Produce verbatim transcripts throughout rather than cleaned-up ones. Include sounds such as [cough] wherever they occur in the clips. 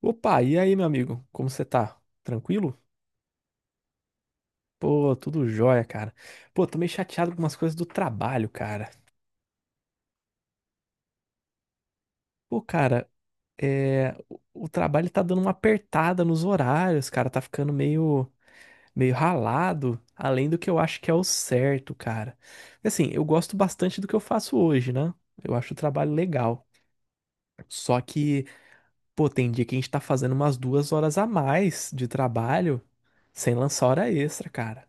Opa, e aí, meu amigo? Como você tá? Tranquilo? Pô, tudo jóia, cara. Pô, tô meio chateado com umas coisas do trabalho, cara. Pô, cara, é... o o trabalho tá dando uma apertada nos horários, cara. Tá ficando meio, meio ralado, além do que eu acho que é o certo, cara. Assim, eu gosto bastante do que eu faço hoje, né? Eu acho o trabalho legal. Só que, pô, tem dia que a gente tá fazendo umas duas horas a mais de trabalho sem lançar hora extra, cara.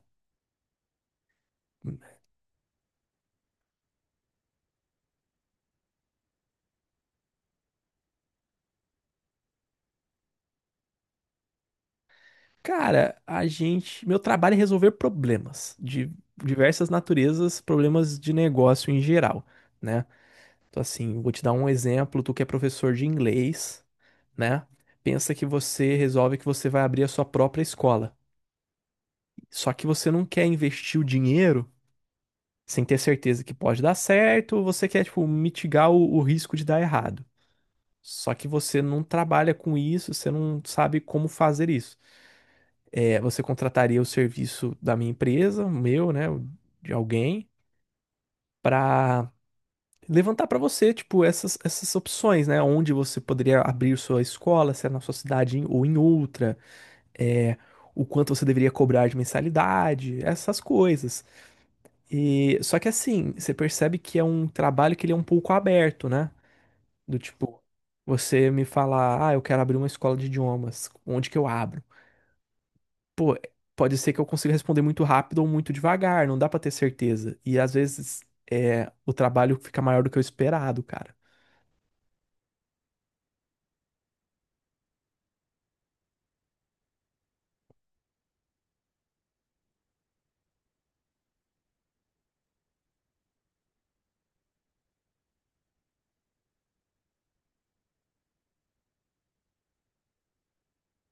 Cara, a gente. meu trabalho é resolver problemas de diversas naturezas, problemas de negócio em geral, né? Então, assim, vou te dar um exemplo. Tu que é professor de inglês, né? Pensa que você resolve que você vai abrir a sua própria escola. Só que você não quer investir o dinheiro sem ter certeza que pode dar certo, você quer, tipo, mitigar o, o risco de dar errado. Só que você não trabalha com isso, você não sabe como fazer isso. É, você contrataria o serviço da minha empresa, o meu, né, o de alguém, para levantar para você, tipo, essas, essas opções, né, onde você poderia abrir sua escola, se é na sua cidade em- ou em outra, é, o quanto você deveria cobrar de mensalidade, essas coisas. E só que assim, você percebe que é um trabalho que ele é um pouco aberto, né? Do tipo, você me falar, ah, eu quero abrir uma escola de idiomas, onde que eu abro? Pô, pode ser que eu consiga responder muito rápido ou muito devagar, não dá pra ter certeza. E às vezes é, o trabalho fica maior do que o esperado, cara.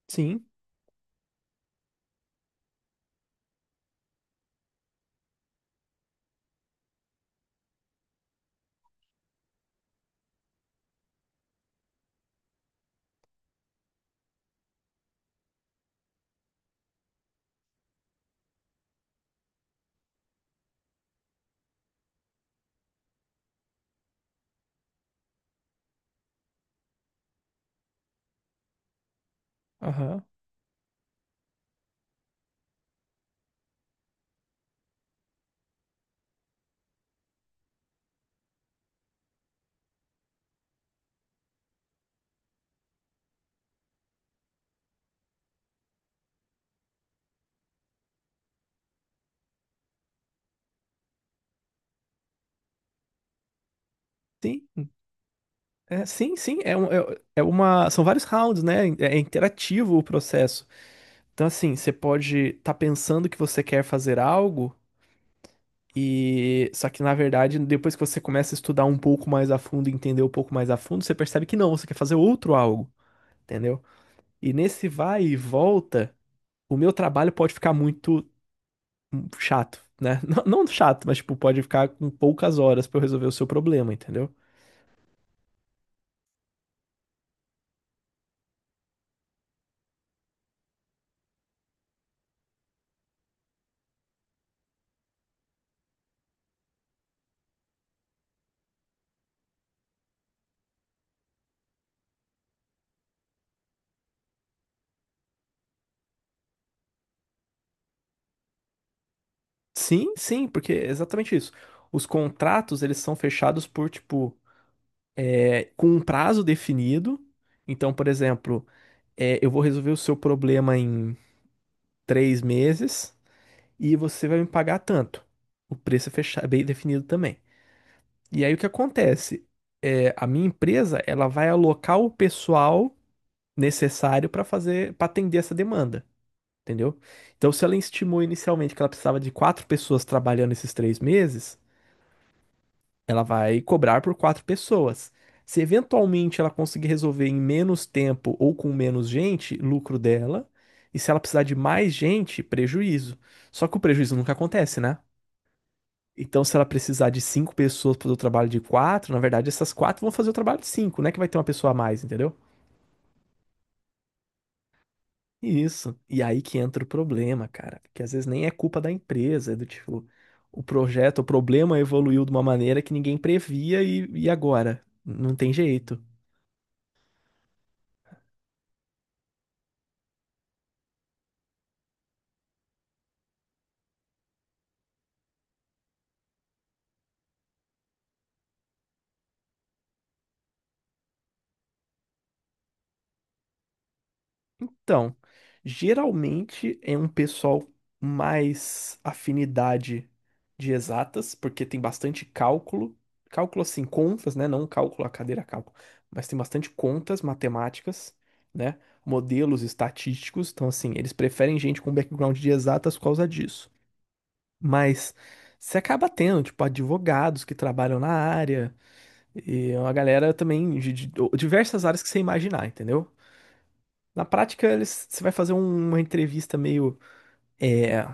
Sim, aham. Sim, é, sim, sim, é, um- é, é uma, são vários rounds, né? É é interativo o processo. Então, assim, você pode estar pensando que você quer fazer algo e só que na verdade, depois que você começa a estudar um pouco mais a fundo, e entender um pouco mais a fundo, você percebe que não, você quer fazer outro algo, entendeu? E nesse vai e volta o meu trabalho pode ficar muito hum, chato, né? [laughs] Não, não chato, mas tipo, pode ficar com poucas horas pra eu resolver o seu problema, entendeu? Sim, sim, porque é exatamente isso. Os contratos, eles são fechados por, tipo, é, com um prazo definido. Então, por exemplo, é, eu vou resolver o seu problema em três meses e você vai me pagar tanto. O preço é fecha- é bem definido também. E aí o que acontece? É, a minha empresa, ela vai alocar o pessoal necessário para fazer, para atender essa demanda, entendeu? Então, se ela estimou inicialmente que ela precisava de quatro pessoas trabalhando esses três meses, ela vai cobrar por quatro pessoas. Se eventualmente ela conseguir resolver em menos tempo ou com menos gente, lucro dela. E se ela precisar de mais gente, prejuízo. Só que o prejuízo nunca acontece, né? Então, se ela precisar de cinco pessoas para o trabalho de quatro, na verdade, essas quatro vão fazer o trabalho de cinco, né? Que vai ter uma pessoa a mais, entendeu? Isso. E aí que entra o problema, cara. Que às vezes nem é culpa da empresa, é do tipo, o projeto, o problema evoluiu de uma maneira que ninguém previa e, e agora? Não tem jeito. Então, geralmente é um pessoal mais afinidade de exatas, porque tem bastante cálculo. Cálculo assim, contas, né? Não cálculo, a cadeira cálculo. Mas tem bastante contas matemáticas, né? Modelos estatísticos. Então, assim, eles preferem gente com background de exatas por causa disso. Mas você acaba tendo, tipo, advogados que trabalham na área e uma galera também de, de diversas áreas que você imaginar, entendeu? Na prática, eles, você vai fazer um- uma entrevista meio é,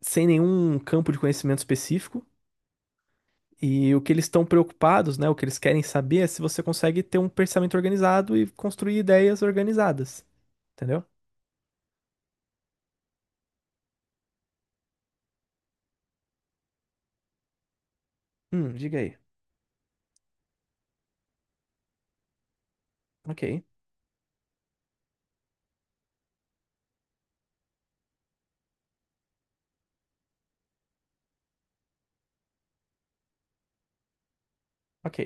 sem nenhum campo de conhecimento específico e o que eles estão preocupados, né, o que eles querem saber é se você consegue ter um pensamento organizado e construir ideias organizadas, entendeu? Hum, diga aí. Ok, ok.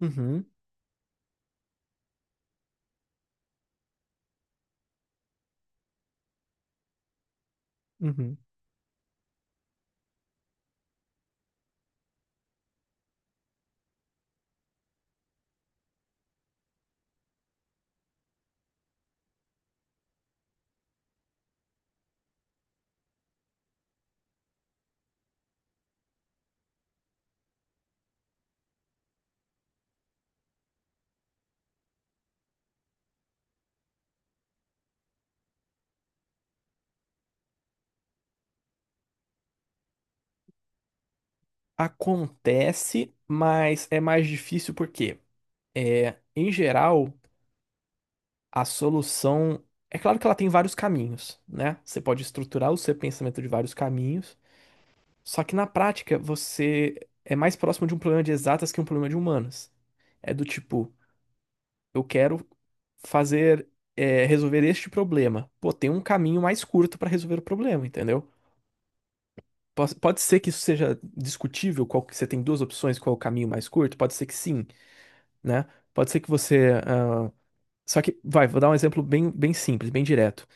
Uhum, uhum. Acontece, mas é mais difícil por quê? É, em geral, a solução. É claro que ela tem vários caminhos, né? Você pode estruturar o seu pensamento de vários caminhos, só que na prática você é mais próximo de um problema de exatas que um problema de humanas. É do tipo, eu quero fazer, é, resolver este problema. Pô, tem um caminho mais curto para resolver o problema, entendeu? Pos- Pode ser que isso seja discutível, qual que você tem duas opções, qual é o caminho mais curto? Pode ser que sim, né? Pode ser que você ah, só que, vai, vou dar um exemplo bem, bem simples, bem direto.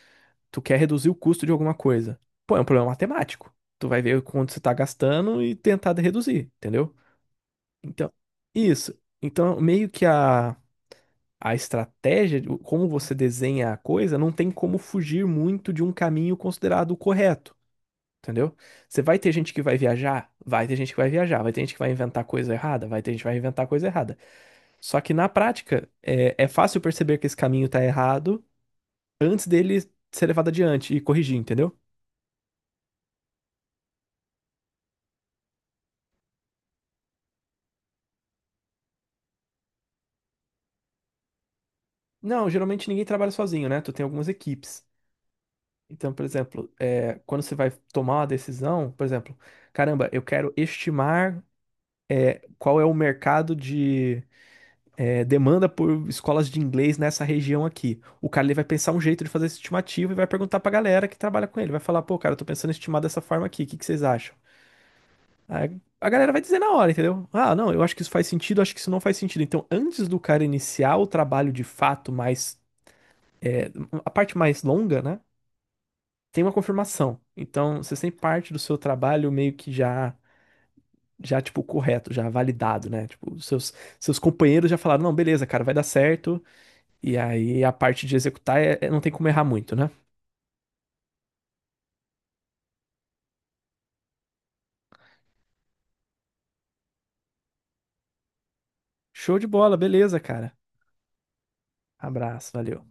Tu quer reduzir o custo de alguma coisa. Pô, é um problema matemático. Tu vai ver quanto você tá gastando e tentar de reduzir, entendeu? Então, isso. Então, meio que a, a estratégia, o- como você desenha a coisa, não tem como fugir muito de um caminho considerado o correto, entendeu? Você vai ter gente que vai viajar? Vai ter gente que vai viajar. Vai ter gente que vai inventar coisa errada? Vai ter gente que vai inventar coisa errada. Só que na prática, é, é fácil perceber que esse caminho tá errado antes dele ser levado adiante e corrigir, entendeu? Não, geralmente ninguém trabalha sozinho, né? Tu tem algumas equipes. Então, por exemplo, é, quando você vai tomar uma decisão, por exemplo, caramba, eu quero estimar qual é o mercado de é, demanda por escolas de inglês nessa região aqui. O cara ele vai pensar um jeito de fazer essa estimativa e vai perguntar pra galera que trabalha com ele. Vai falar, pô, cara, eu tô pensando em estimar dessa forma aqui, o que que vocês acham? A, a galera vai dizer na hora, entendeu? Ah, não, eu acho que isso faz sentido, acho que isso não faz sentido. Então, antes do cara iniciar o trabalho de fato, mais, é, a parte mais longa, né? Tem uma confirmação. Então, você sempre parte do seu trabalho meio que já, já tipo, correto, já validado, né? Tipo, os seus, seus companheiros já falaram, não, beleza, cara, vai dar certo. E aí, a parte de executar é- é- não tem como errar muito, né? Show de bola, beleza, cara. Abraço, valeu.